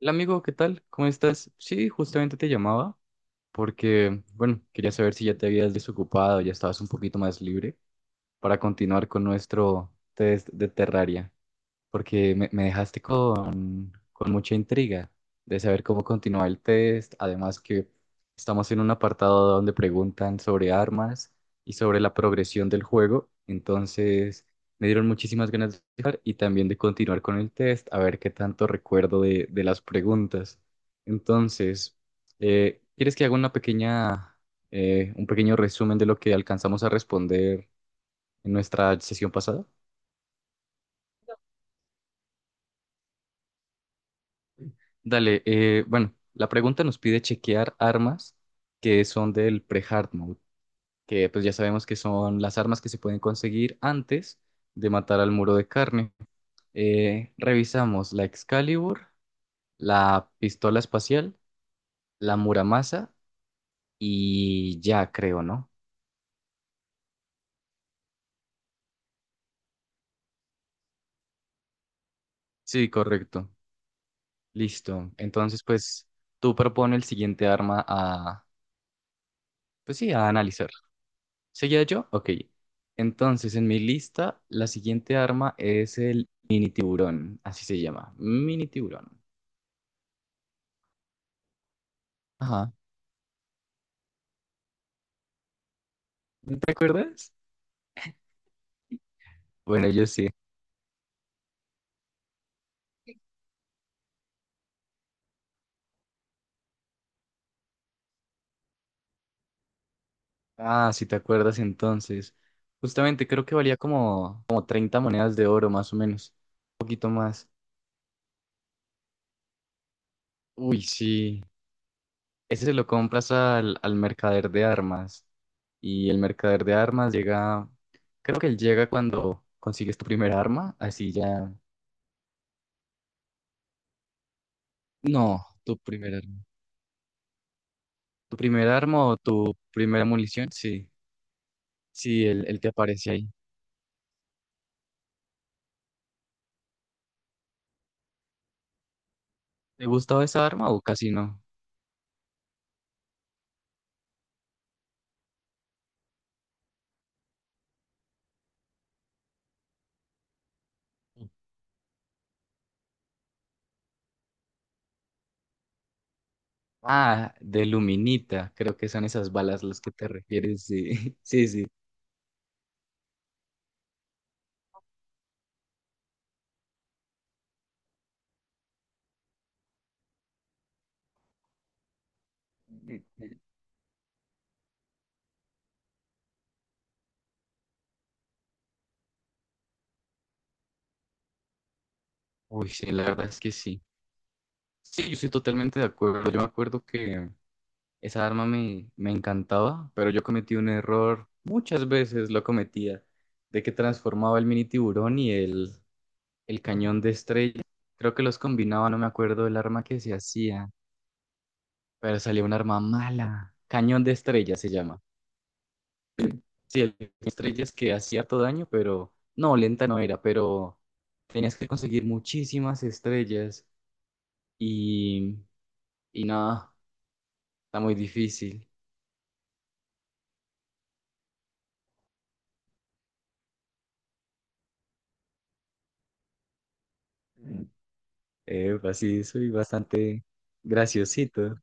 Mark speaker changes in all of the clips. Speaker 1: Hola amigo, ¿qué tal? ¿Cómo estás? Sí, justamente te llamaba porque, bueno, quería saber si ya te habías desocupado, ya estabas un poquito más libre para continuar con nuestro test de Terraria porque me dejaste con mucha intriga de saber cómo continúa el test. Además que estamos en un apartado donde preguntan sobre armas y sobre la progresión del juego. Entonces me dieron muchísimas ganas de jugar y también de continuar con el test, a ver qué tanto recuerdo de las preguntas. Entonces, ¿quieres que haga un pequeño resumen de lo que alcanzamos a responder en nuestra sesión pasada? Dale, bueno, la pregunta nos pide chequear armas que son del pre-hard mode, que pues ya sabemos que son las armas que se pueden conseguir antes de matar al muro de carne. Revisamos la Excalibur, la pistola espacial, la Muramasa y ya creo, ¿no? Sí, correcto. Listo. Entonces, pues tú propone el siguiente arma pues sí, a analizar. ¿Seguía yo? Ok. Entonces, en mi lista, la siguiente arma es el mini tiburón. Así se llama. Mini tiburón. Ajá. ¿No te acuerdas? Bueno, yo sí. Ah, si te acuerdas entonces. Justamente creo que valía como, como 30 monedas de oro, más o menos. Un poquito más. Uy, sí. Ese se lo compras al mercader de armas. Y el mercader de armas llega. Creo que él llega cuando consigues tu primera arma. Así ya. No, tu primera arma. ¿Tu primer arma o tu primera munición? Sí, sí, el que aparece ahí. ¿Te gustaba esa arma o casi no? Ah, de luminita, creo que son esas balas las que te refieres, sí, sí, sí. Uy, sí, la verdad es que sí. Sí, yo estoy totalmente de acuerdo. Yo me acuerdo que esa arma me encantaba, pero yo cometí un error, muchas veces lo cometía, de que transformaba el mini tiburón y el cañón de estrella. Creo que los combinaba, no me acuerdo del arma que se hacía. Pero salió un arma mala. Cañón de estrellas se llama. Sí, el cañón de estrellas que hacía todo daño, pero no, lenta no era, pero tenías que conseguir muchísimas estrellas y, y nada, está muy difícil. Así soy bastante graciosito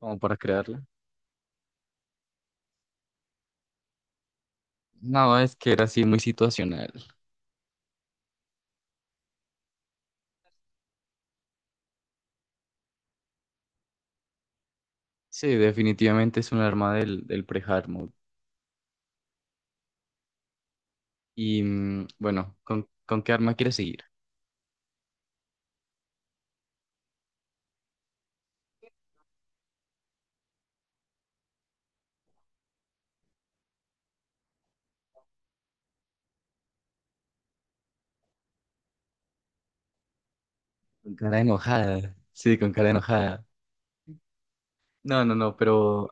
Speaker 1: como para crearla. No, es que era así muy situacional. Sí, definitivamente es un arma del, del pre-hard mode. Y bueno, ¿con qué arma quieres seguir? Con cara enojada. Sí, con cara enojada. No, no, no, pero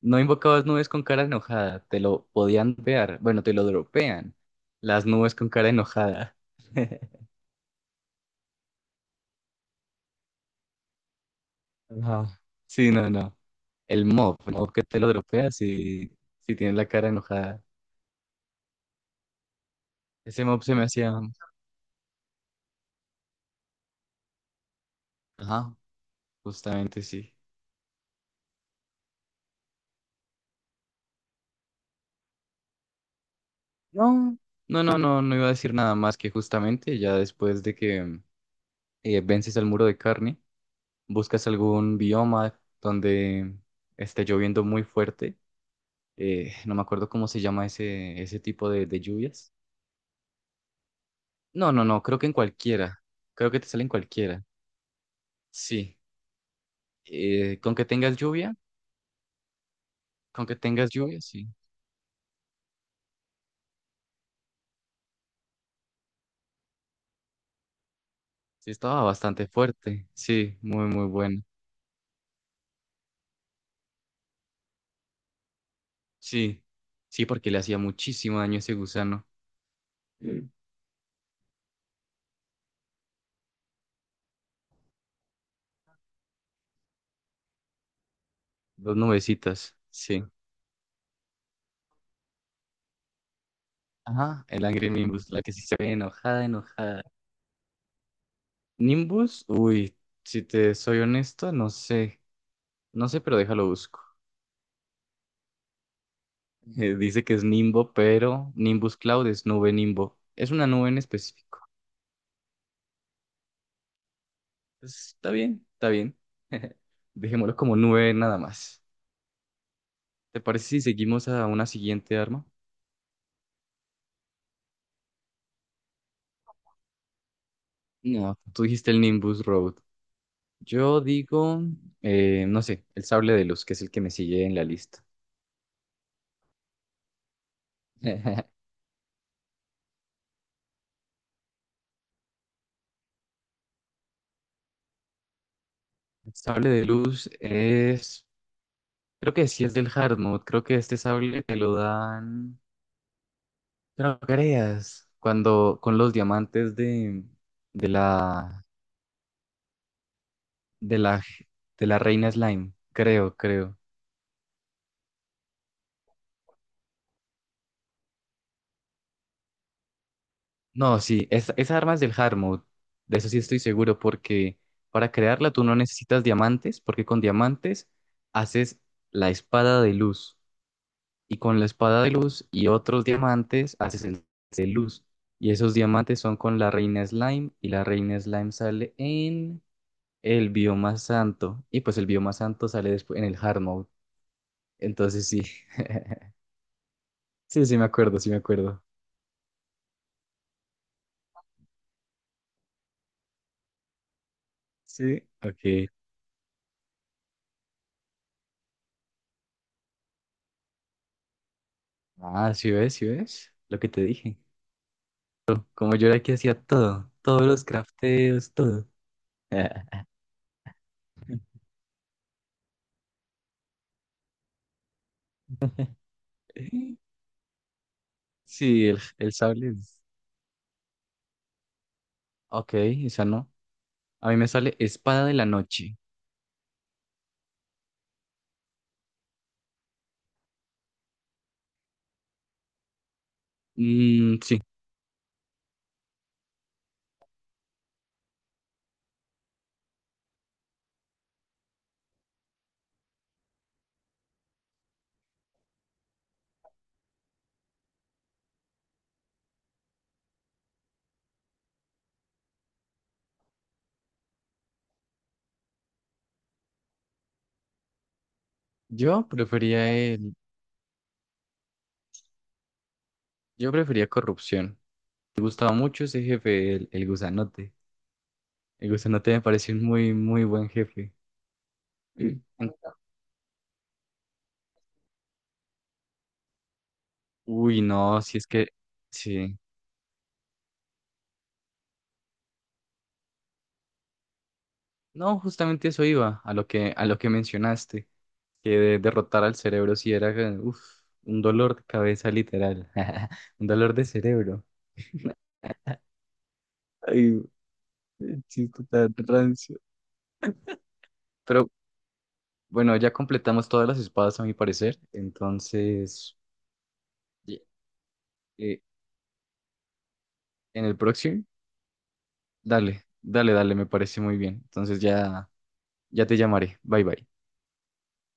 Speaker 1: no invocabas nubes con cara enojada, te lo podían ver, bueno, te lo dropean, las nubes con cara enojada. Ajá. Sí, no, no, el mob que te lo dropea si tienes la cara enojada. Ese mob se me hacía, ajá, justamente sí. No, no, no, no, no iba a decir nada más que justamente ya después de que vences al muro de carne, buscas algún bioma donde esté lloviendo muy fuerte. No me acuerdo cómo se llama ese tipo de lluvias. No, no, no, creo que en cualquiera. Creo que te salen cualquiera. Sí. Eh, con que tengas lluvia, con que tengas lluvia sí. Sí, estaba bastante fuerte. Sí, muy, muy bueno. Sí, sí, porque le hacía muchísimo daño ese gusano. Mm. Dos nubecitas, sí. Ajá, el Angry Nimbus, la que sí se ve enojada, enojada. Nimbus, uy, si te soy honesto, no sé. No sé, pero déjalo busco. Dice que es Nimbo, pero Nimbus Cloud es nube Nimbo. Es una nube en específico. Pues, está bien, está bien. Dejémoslo como nube nada más. ¿Te parece si seguimos a una siguiente arma? No, tú dijiste el Nimbus Road. Yo digo, no sé, el sable de luz, que es el que me sigue en la lista. El sable de luz creo que sí es del hard mode. Creo que este sable te lo dan, no creas, cuando con los diamantes de la de la, de la reina Slime, creo. No, sí, esa arma es del hard mode, de eso sí estoy seguro, porque para crearla tú no necesitas diamantes, porque con diamantes haces la espada de luz, y con la espada de luz y otros diamantes haces el de luz, y esos diamantes son con la reina Slime, y la reina Slime sale en el bioma santo, y pues el bioma santo sale después en el hard mode, entonces sí, sí, sí me acuerdo, sí me acuerdo. Sí, ok. Ah, sí ves, lo que te dije. Como yo era que hacía todos los crafteos, todo. Sí, el sable. Ok, esa no. A mí me sale espada de la noche. Mm, sí, yo prefería el, yo prefería corrupción. Me gustaba mucho ese jefe, el gusanote. El gusanote me pareció un muy, muy buen jefe. En- Uy, no, si es que, sí. No, justamente eso iba, a lo que mencionaste. Que derrotar al cerebro sí era uf, un dolor de cabeza literal, un dolor de cerebro. Ay, qué chiste tan rancio. Pero bueno, ya completamos todas las espadas a mi parecer, entonces ye- eh, en el próximo, dale, dale, dale, me parece muy bien. Entonces ya, ya te llamaré. Bye bye.